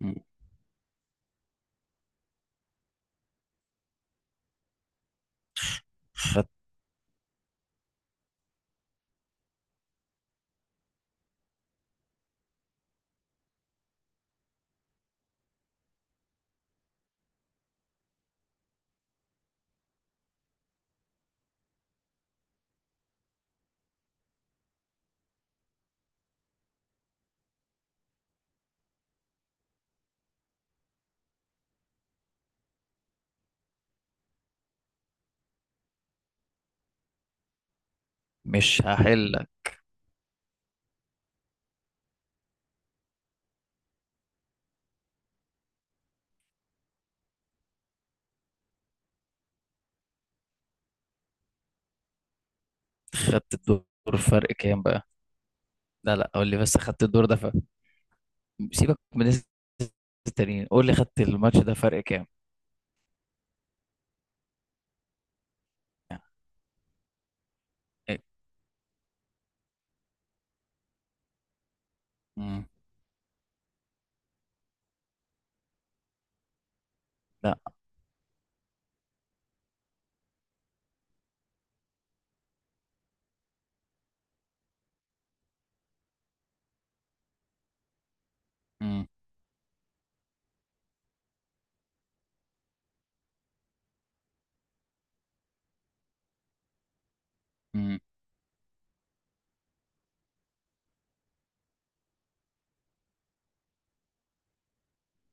مم. فمش هحل لك. خدت الدور. فرق كام بقى؟ لا لا، قول لي بس، خدت الدور ده سيبك من الناس التانيين، قول لي خدت الماتش ده فرق كام؟ يعني إيه؟ مم. لا. مم. مم.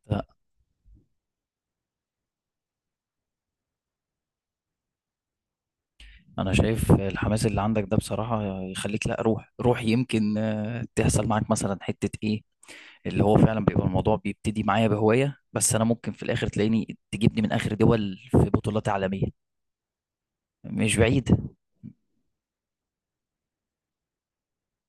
لا، انا شايف الحماس اللي عندك ده بصراحة يخليك. لا، روح يمكن تحصل معاك مثلا حتة ايه. اللي هو فعلا بيبقى الموضوع بيبتدي معايا بهواية، بس انا ممكن في الاخر تلاقيني تجيبني من اخر دول في بطولات عالمية. مش بعيد.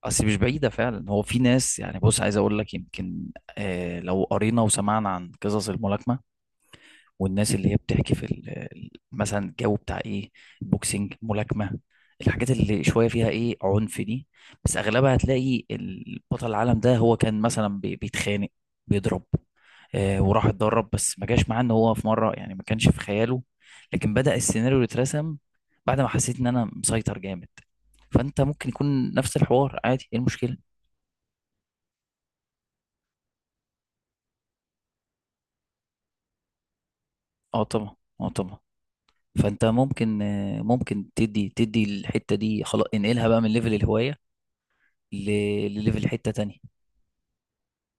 اصل مش بعيدة فعلا، هو في ناس يعني، بص عايز اقول لك، يمكن آه لو قرينا وسمعنا عن قصص الملاكمة والناس اللي هي بتحكي في مثلا الجو بتاع ايه، بوكسنج، ملاكمة، الحاجات اللي شوية فيها ايه عنف دي. بس اغلبها هتلاقي البطل العالم ده هو كان مثلا بيتخانق، بيضرب، آه، وراح اتدرب، بس ما جاش معاه ان هو في مرة يعني ما كانش في خياله. لكن بدأ السيناريو يترسم بعد ما حسيت ان انا مسيطر جامد. فانت ممكن يكون نفس الحوار عادي، ايه المشكلة؟ اه طبعا، اه طبعا. فانت ممكن ممكن تدي الحته دي، خلاص انقلها بقى من ليفل الهوايه ل- لليفل حته تانية،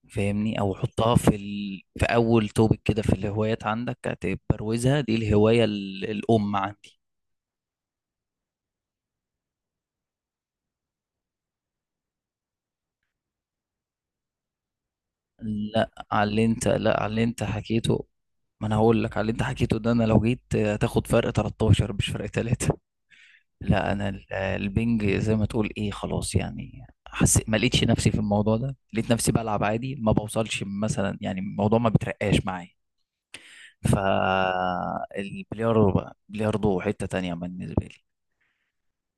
فاهمني؟ او حطها في في اول توبك كده في الهوايات عندك، تبروزها، دي الهوايه الام عندي. لا على اللي انت حكيته، ما انا هقول لك على اللي انت حكيته ده، انا لو جيت هتاخد فرق 13 مش فرق 3. لا انا البنج زي ما تقول ايه، خلاص يعني حسيت ما لقيتش نفسي في الموضوع ده، لقيت نفسي بلعب عادي ما بوصلش مثلا، يعني الموضوع ما بترقاش معايا. فالبلياردو بقى بلياردو حتة تانية بالنسبة لي.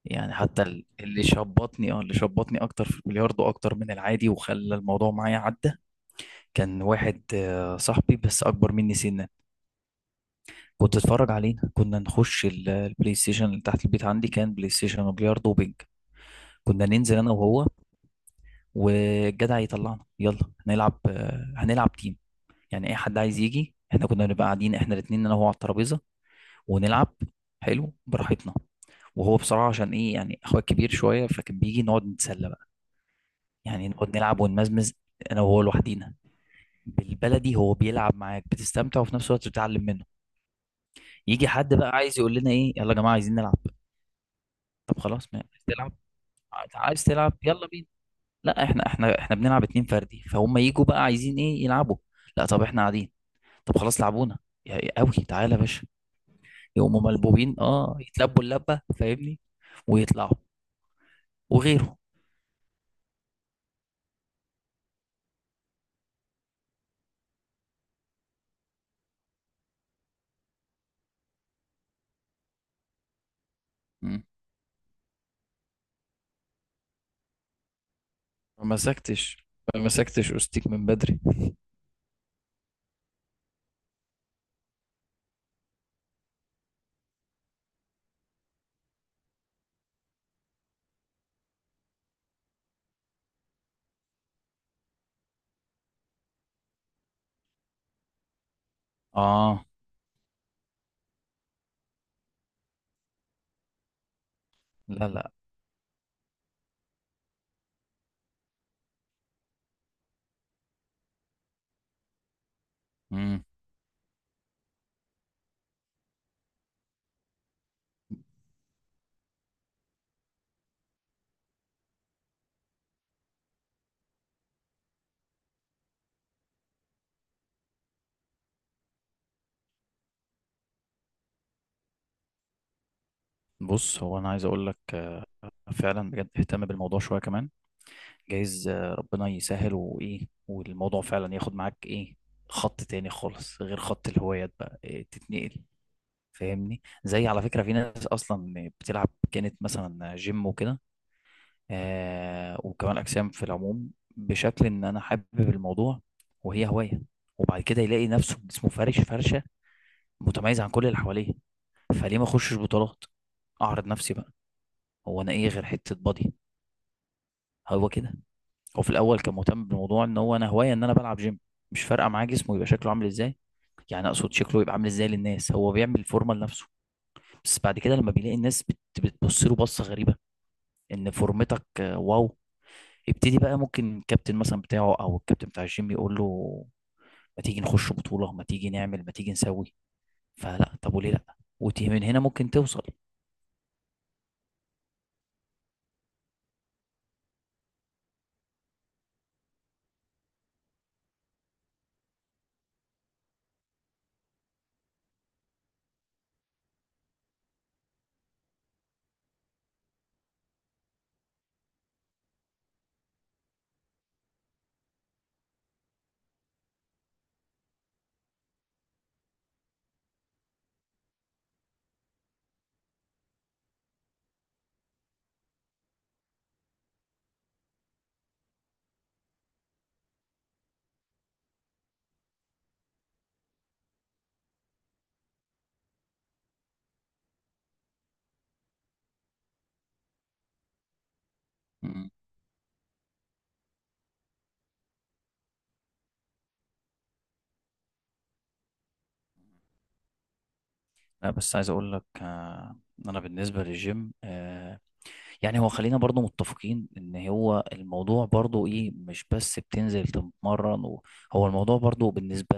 يعني حتى اللي شبطني، اه، اللي شبطني اكتر في البلياردو اكتر من العادي وخلى الموضوع معايا عدى، كان واحد صاحبي بس اكبر مني سنا. كنت اتفرج علينا، كنا نخش البلاي ستيشن اللي تحت البيت، عندي كان بلاي ستيشن وبلياردو وبنج. كنا ننزل انا وهو والجدع يطلعنا، يلا هنلعب هنلعب تيم، يعني اي حد عايز يجي. احنا كنا بنبقى قاعدين احنا الاثنين انا وهو على الترابيزه ونلعب حلو براحتنا. وهو بصراحه عشان ايه، يعني اخويا كبير شويه فكان بيجي نقعد نتسلى بقى، يعني نقعد نلعب ونمزمز انا وهو لوحدينا. بالبلدي هو بيلعب معاك بتستمتع وفي نفس الوقت بتتعلم منه. يجي حد بقى عايز يقول لنا ايه، يلا يا جماعه عايزين نلعب. طب خلاص ما عايز تلعب، عايز تلعب يلا بينا. لا احنا بنلعب اتنين فردي، فهم يجوا بقى عايزين ايه يلعبوا. لا طب احنا قاعدين. طب خلاص لعبونا. يا قوي تعالى يا باشا. يقوموا ملبوبين، اه، يتلبوا اللبه، فاهمني؟ ويطلعوا وغيره. مم. ما مسكتش، ما مسكتش أوستيك من بدري. اه. لا لا. مم. بص هو انا عايز اقول لك فعلا بجد اهتم بالموضوع شويه كمان، جايز ربنا يسهل وايه، والموضوع فعلا ياخد معاك ايه، خط تاني خالص غير خط الهوايات، بقى إيه تتنقل، فاهمني؟ زي على فكره في ناس اصلا بتلعب كانت مثلا جيم وكده، آه، وكمال أجسام، في العموم بشكل إن أنا حابب الموضوع وهي هواية، وبعد كده يلاقي نفسه جسمه فارش فرشة متميز عن كل اللي حواليه. فليه ما أخشش بطولات، أعرض نفسي بقى، هو أنا إيه غير حتة بادي. هو كده، هو في الأول كان مهتم بالموضوع إن هو أنا هواية إن أنا بلعب جيم، مش فارقة معاه جسمه يبقى شكله عامل إزاي، يعني أقصد شكله يبقى عامل إزاي للناس، هو بيعمل فورمة لنفسه. بس بعد كده لما بيلاقي الناس بتبص له بصة غريبة، إن فورمتك واو، يبتدي بقى ممكن الكابتن مثلا بتاعه او الكابتن بتاع الجيم يقول له ما تيجي نخش بطولة، ما تيجي نعمل، ما تيجي نسوي. فلا طب وليه لا، وتي من هنا ممكن توصل. م- لا بس عايز اقول لك إن انا بالنسبة للجيم يعني هو خلينا برضو متفقين ان هو الموضوع برضو ايه، مش بس بتنزل تتمرن و- هو الموضوع برضو بالنسبة،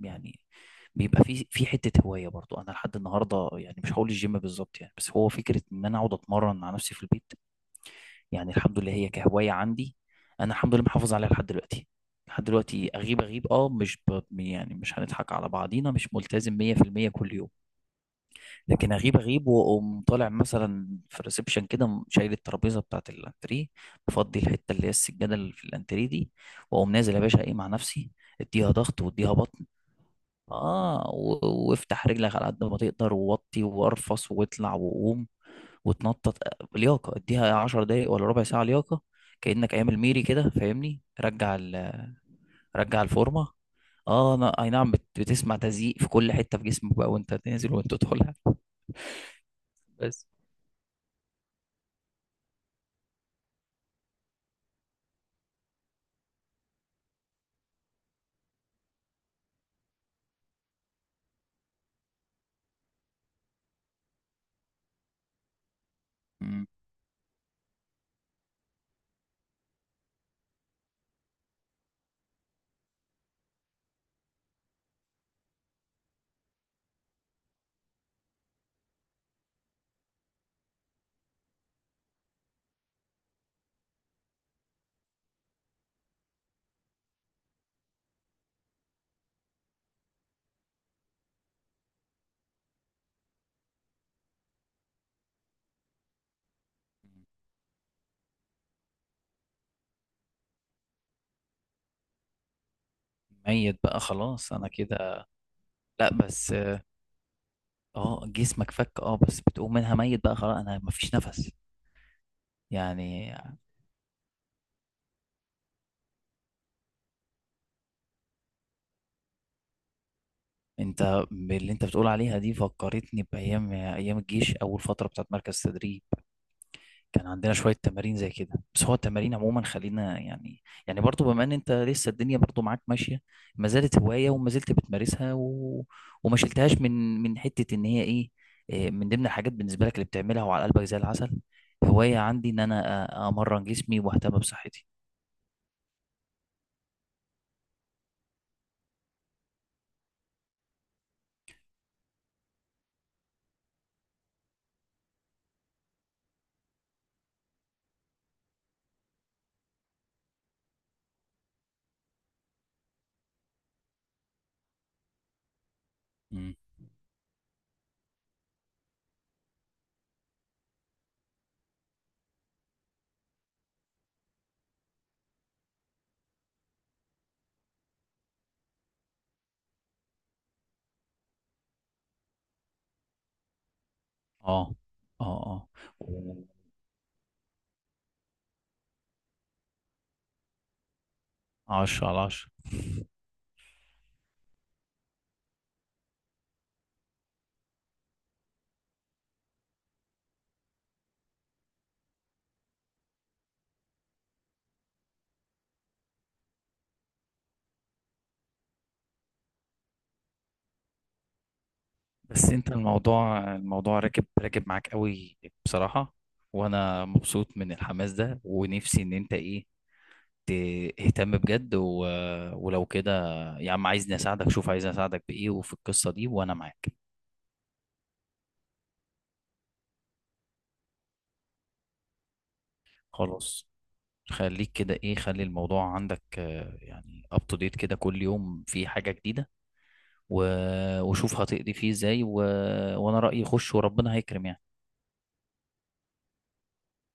يعني بيبقى في في حته هوايه برضو انا لحد النهارده، يعني مش هقول الجيم بالظبط يعني، بس هو فكره ان انا اقعد اتمرن مع نفسي في البيت. يعني الحمد لله هي كهواية عندي، أنا الحمد لله محافظ عليها لحد دلوقتي. لحد دلوقتي أغيب أه مش يعني مش هنضحك على بعضينا، مش ملتزم 100% كل يوم. لكن أغيب وأقوم طالع مثلا في الريسبشن كده شايل الترابيزة بتاعة الأنتريه، مفضي الحتة اللي هي السجادة اللي في الأنتريه دي، وأقوم نازل يا باشا إيه مع نفسي، اديها ضغط واديها بطن، اه، وافتح رجلك على قد ما تقدر ووطي وارفص واطلع وقوم وتنطط، لياقه، اديها 10 دقايق ولا ربع ساعه لياقه، كانك ايام الميري كده، فاهمني؟ رجع الفورمه، اه، انا اي نعم بتسمع تزييق في كل حته في جسمك بقى وانت تنزل وانت تدخل. بس مم. ميت بقى خلاص انا كده. لا بس، اه جسمك فك، اه بس بتقوم منها ميت بقى خلاص انا مفيش نفس يعني. انت باللي انت بتقول عليها دي فكرتني بايام، ايام الجيش اول فتره بتاعت مركز تدريب، كان عندنا شوية تمارين زي كده. بس هو التمارين عموما خلينا يعني، يعني برضو بما ان انت لسه الدنيا برضو معاك ماشية، ما زالت هواية وما زلت بتمارسها، و... وما شلتهاش من حتة ان هي ايه، إيه من ضمن الحاجات بالنسبة لك اللي بتعملها وعلى قلبك زي العسل، هواية عندي ان انا امرن جسمي واهتم بصحتي. مم. اه اه. اه و- عشرة على عشرة. بس انت الموضوع، الموضوع راكب معاك قوي بصراحة، وانا مبسوط من الحماس ده، ونفسي ان انت ايه، اهتم بجد، و... ولو كده يا عم، عايزني اساعدك، شوف عايزني اساعدك بايه وفي القصة دي وانا معاك. خلاص، خليك كده ايه، خلي الموضوع عندك يعني اب تو ديت كده، كل يوم في حاجة جديدة، و... وشوف هتقضي فيه ازاي، و... وانا رأيي خش وربنا هيكرم يعني.